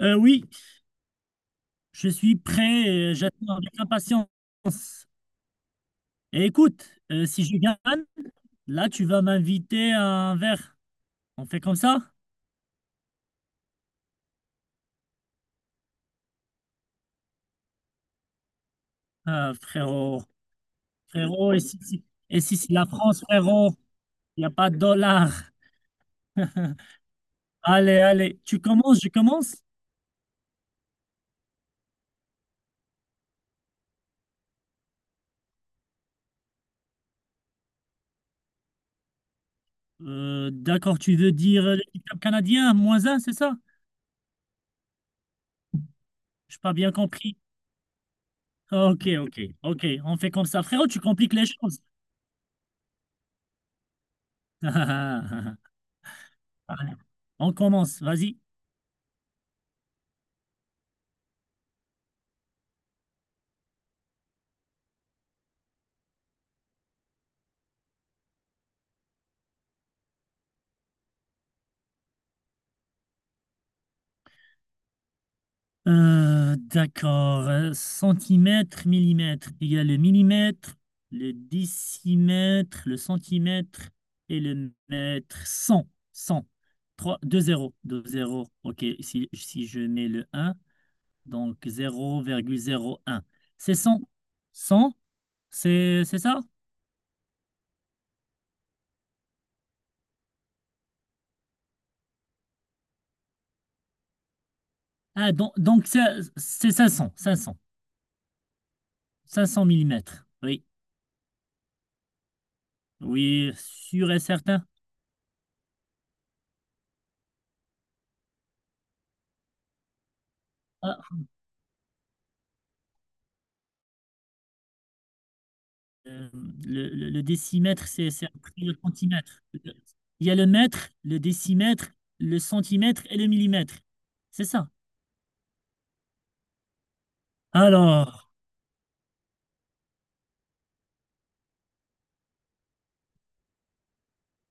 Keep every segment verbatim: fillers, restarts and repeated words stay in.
Euh, oui, je suis prêt, euh, j'attends avec impatience. Et écoute, euh, si je gagne, là tu vas m'inviter à un verre. On fait comme ça? Ah, frérot, frérot, et si, si- et si c'est la France, frérot, il n'y a pas de dollars. Allez, allez, tu commences, je commence. Euh, d'accord, tu veux dire euh, l'équipe canadien, moins un, c'est ça? Je n'ai pas bien compris. Ok, ok, ok, on fait comme ça. Frérot, tu compliques les choses. Allez, on commence, vas-y. Euh, d'accord. Euh, Centimètre, millimètre. Il y a le millimètre, le décimètre, le centimètre et le mètre. Cent, cent. Trois, deux zéro, deux zéro. OK, si, si je mets le un, donc zéro zéro virgule zéro un. C'est cent, cent. c'est c'est ça? Ah, donc, donc ça- c'est cinq cents, cinq 500 millimètres. Oui, oui, sûr et certain. Ah, euh, le, le- le décimètre, c'est c'est après le centimètre. Il y a le mètre, le décimètre, le centimètre et le millimètre. C'est ça. Alors,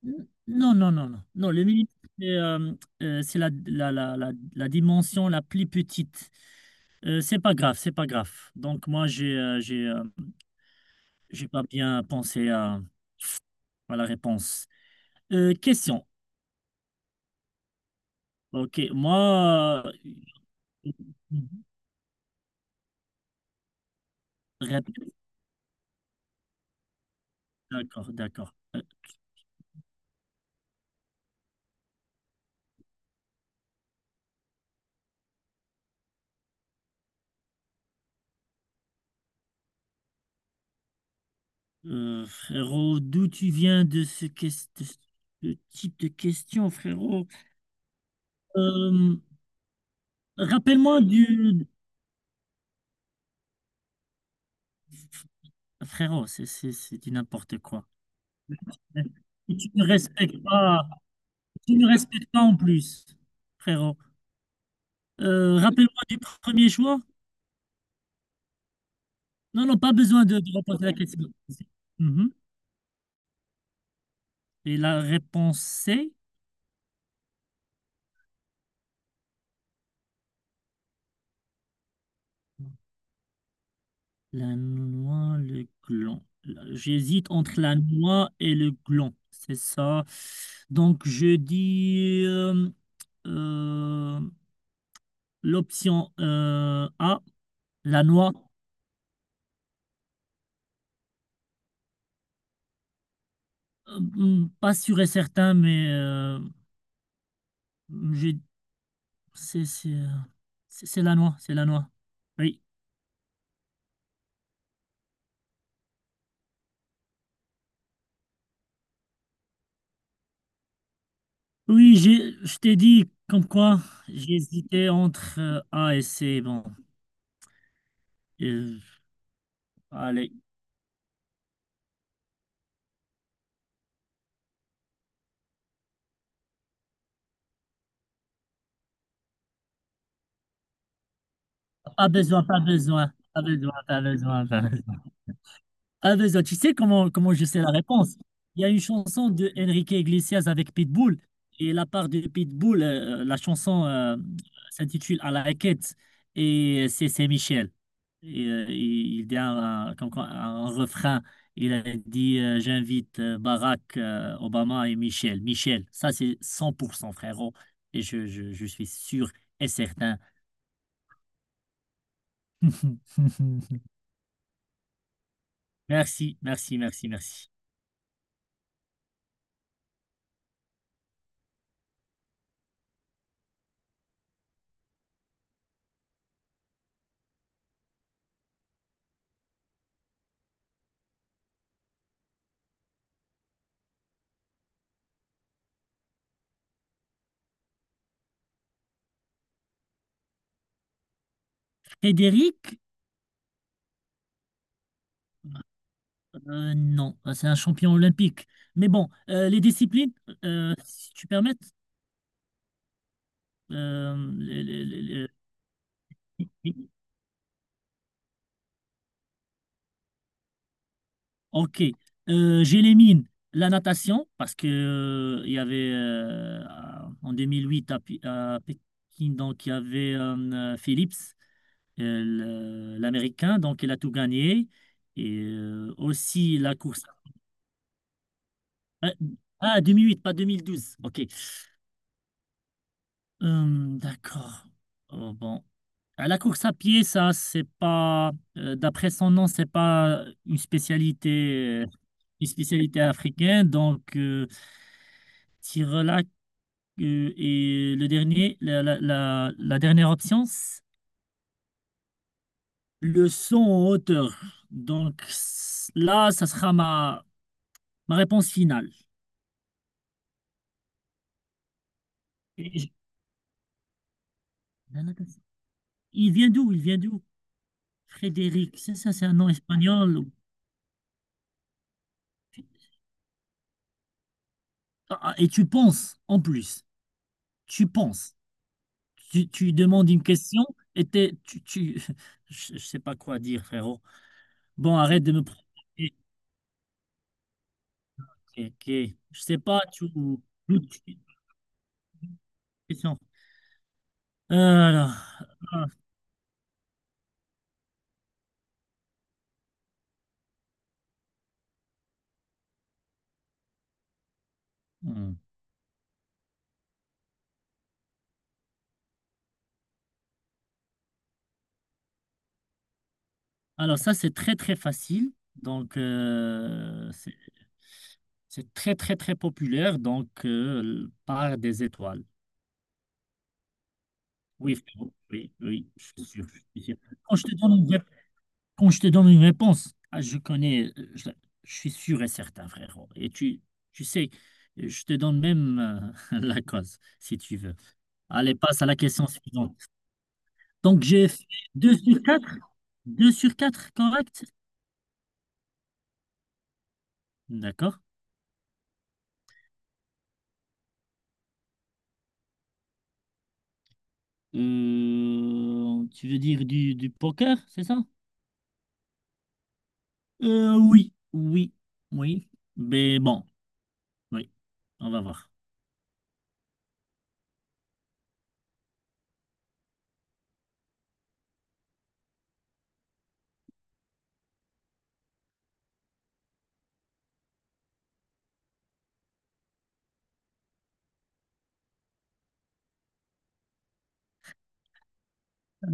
n- non, non, non, non. Non, le millimètre, c'est euh, euh, c'est la, la, la, la, la dimension la plus petite. Euh, c'est pas grave, c'est pas grave. Donc, moi, j'ai euh, j'ai euh, j'ai pas bien pensé à, à la réponse. Euh, question. Ok, moi, euh, répète. D'accord, d'accord. Euh, Euh, frérot, d'où tu viens de ce, ques- de ce type de question, frérot? Euh, Rappelle-moi du... Frérot, c'est c'est- c'est du n'importe quoi. Et tu ne respectes pas, tu ne respectes pas en plus, frérot. Euh, rappelle-moi du premier choix. Non, non, pas besoin de, de reposer la question. Mhm. Et la réponse C? La noix, le gland. Là, j'hésite entre la noix et le gland. C'est ça. Donc, je dis euh, euh, l'option euh, A, la noix. Euh, hmm, pas sûr et certain, mais euh, je- c'est c'est, euh, c'est- c'est la noix. C'est la noix. Oui. Oui, j'ai- je t'ai dit comme quoi j'hésitais entre euh, A et C. Bon, Euh, allez, pas besoin, pas besoin, pas besoin, pas besoin, pas besoin. Ah, ben ça, tu sais comment, comment je sais la réponse. Il y a une chanson de Enrique Iglesias avec Pitbull. Et la part de Pitbull, euh, la chanson euh, s'intitule À la quête. Et c'est c'est Michel. Et, euh, il il dit un, un- comme quoi, un refrain. Il a dit euh, j'invite euh, Barack euh, Obama et Michel. Michel, ça c'est cent pour cent frérot. Et je, je, je suis sûr et certain. Merci, merci, merci, merci. Frédéric. Euh, non, euh, c'est un champion olympique. Mais bon, euh, les disciplines, euh, si tu permets. euh, les- les- les- les- Ok. Euh, j'élimine la natation parce que euh, il y avait euh, en deux mille huit à, Pi- à Pékin, donc il y avait euh, Phillips, euh, le- l'Américain, donc il a tout gagné. Et euh, aussi la course. Ah, ah, deux mille huit, pas deux mille douze. Ok. Hum, d'accord. Oh, bon. À la course à pied, ça, c'est pas, euh, d'après son nom, c'est pas une spécialité, euh, une spécialité africaine. Donc, euh, Tirelac euh, et le dernier, la, la, la, la dernière option, c'est le son en hauteur. Donc, c- là, ça sera ma, ma réponse finale. Et je- la natation. Il vient d'où? Il vient d'où? Frédéric, c'est ça, c'est un nom espagnol. ou- Ah, ah, et tu penses, en plus. Tu penses, tu, tu demandes une question et t'es- tu, tu- je, je sais pas quoi dire, frérot. Bon, arrête de me provoquer. Ok, ok. Je sais pas, tu, tu- question. Euh, alors, ah, hmm. Alors ça c'est très très facile, donc euh, c'est c'est très très très populaire, donc euh, par des étoiles. Oui, frérot, oui, oui, je suis sûr, je suis sûr. Quand je te donne une Quand je te donne une réponse, ah, je connais, euh, je, je suis sûr et certain, frérot. Et tu, tu sais, je te donne même euh, la cause, si tu veux. Allez, passe à la question suivante. Donc, j'ai fait deux sur quatre, deux sur quatre correct? D'accord. Euh, tu veux dire du, du poker, c'est ça? Euh, oui, oui, oui. Mais bon, oui, on va voir.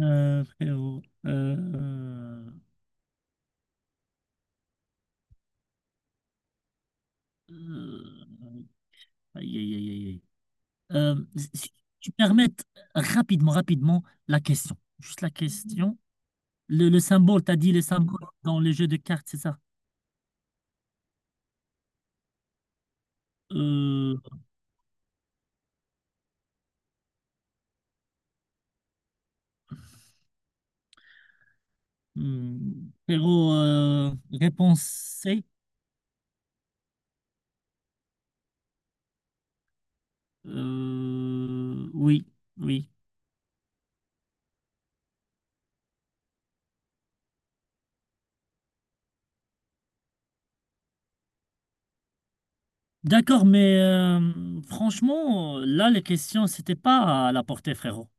Euh, frérot, euh, euh, aïe, aïe, aïe, aïe, aïe. Euh, Si tu permettes rapidement, rapidement la question. Juste la question. Le, le symbole, t'as dit les symboles dans les jeux de cartes, c'est ça? Euh, hmm, Pero, euh, réponse C. Euh, oui, oui. D'accord, mais euh, franchement, là, les questions, c'était pas à la portée, frérot.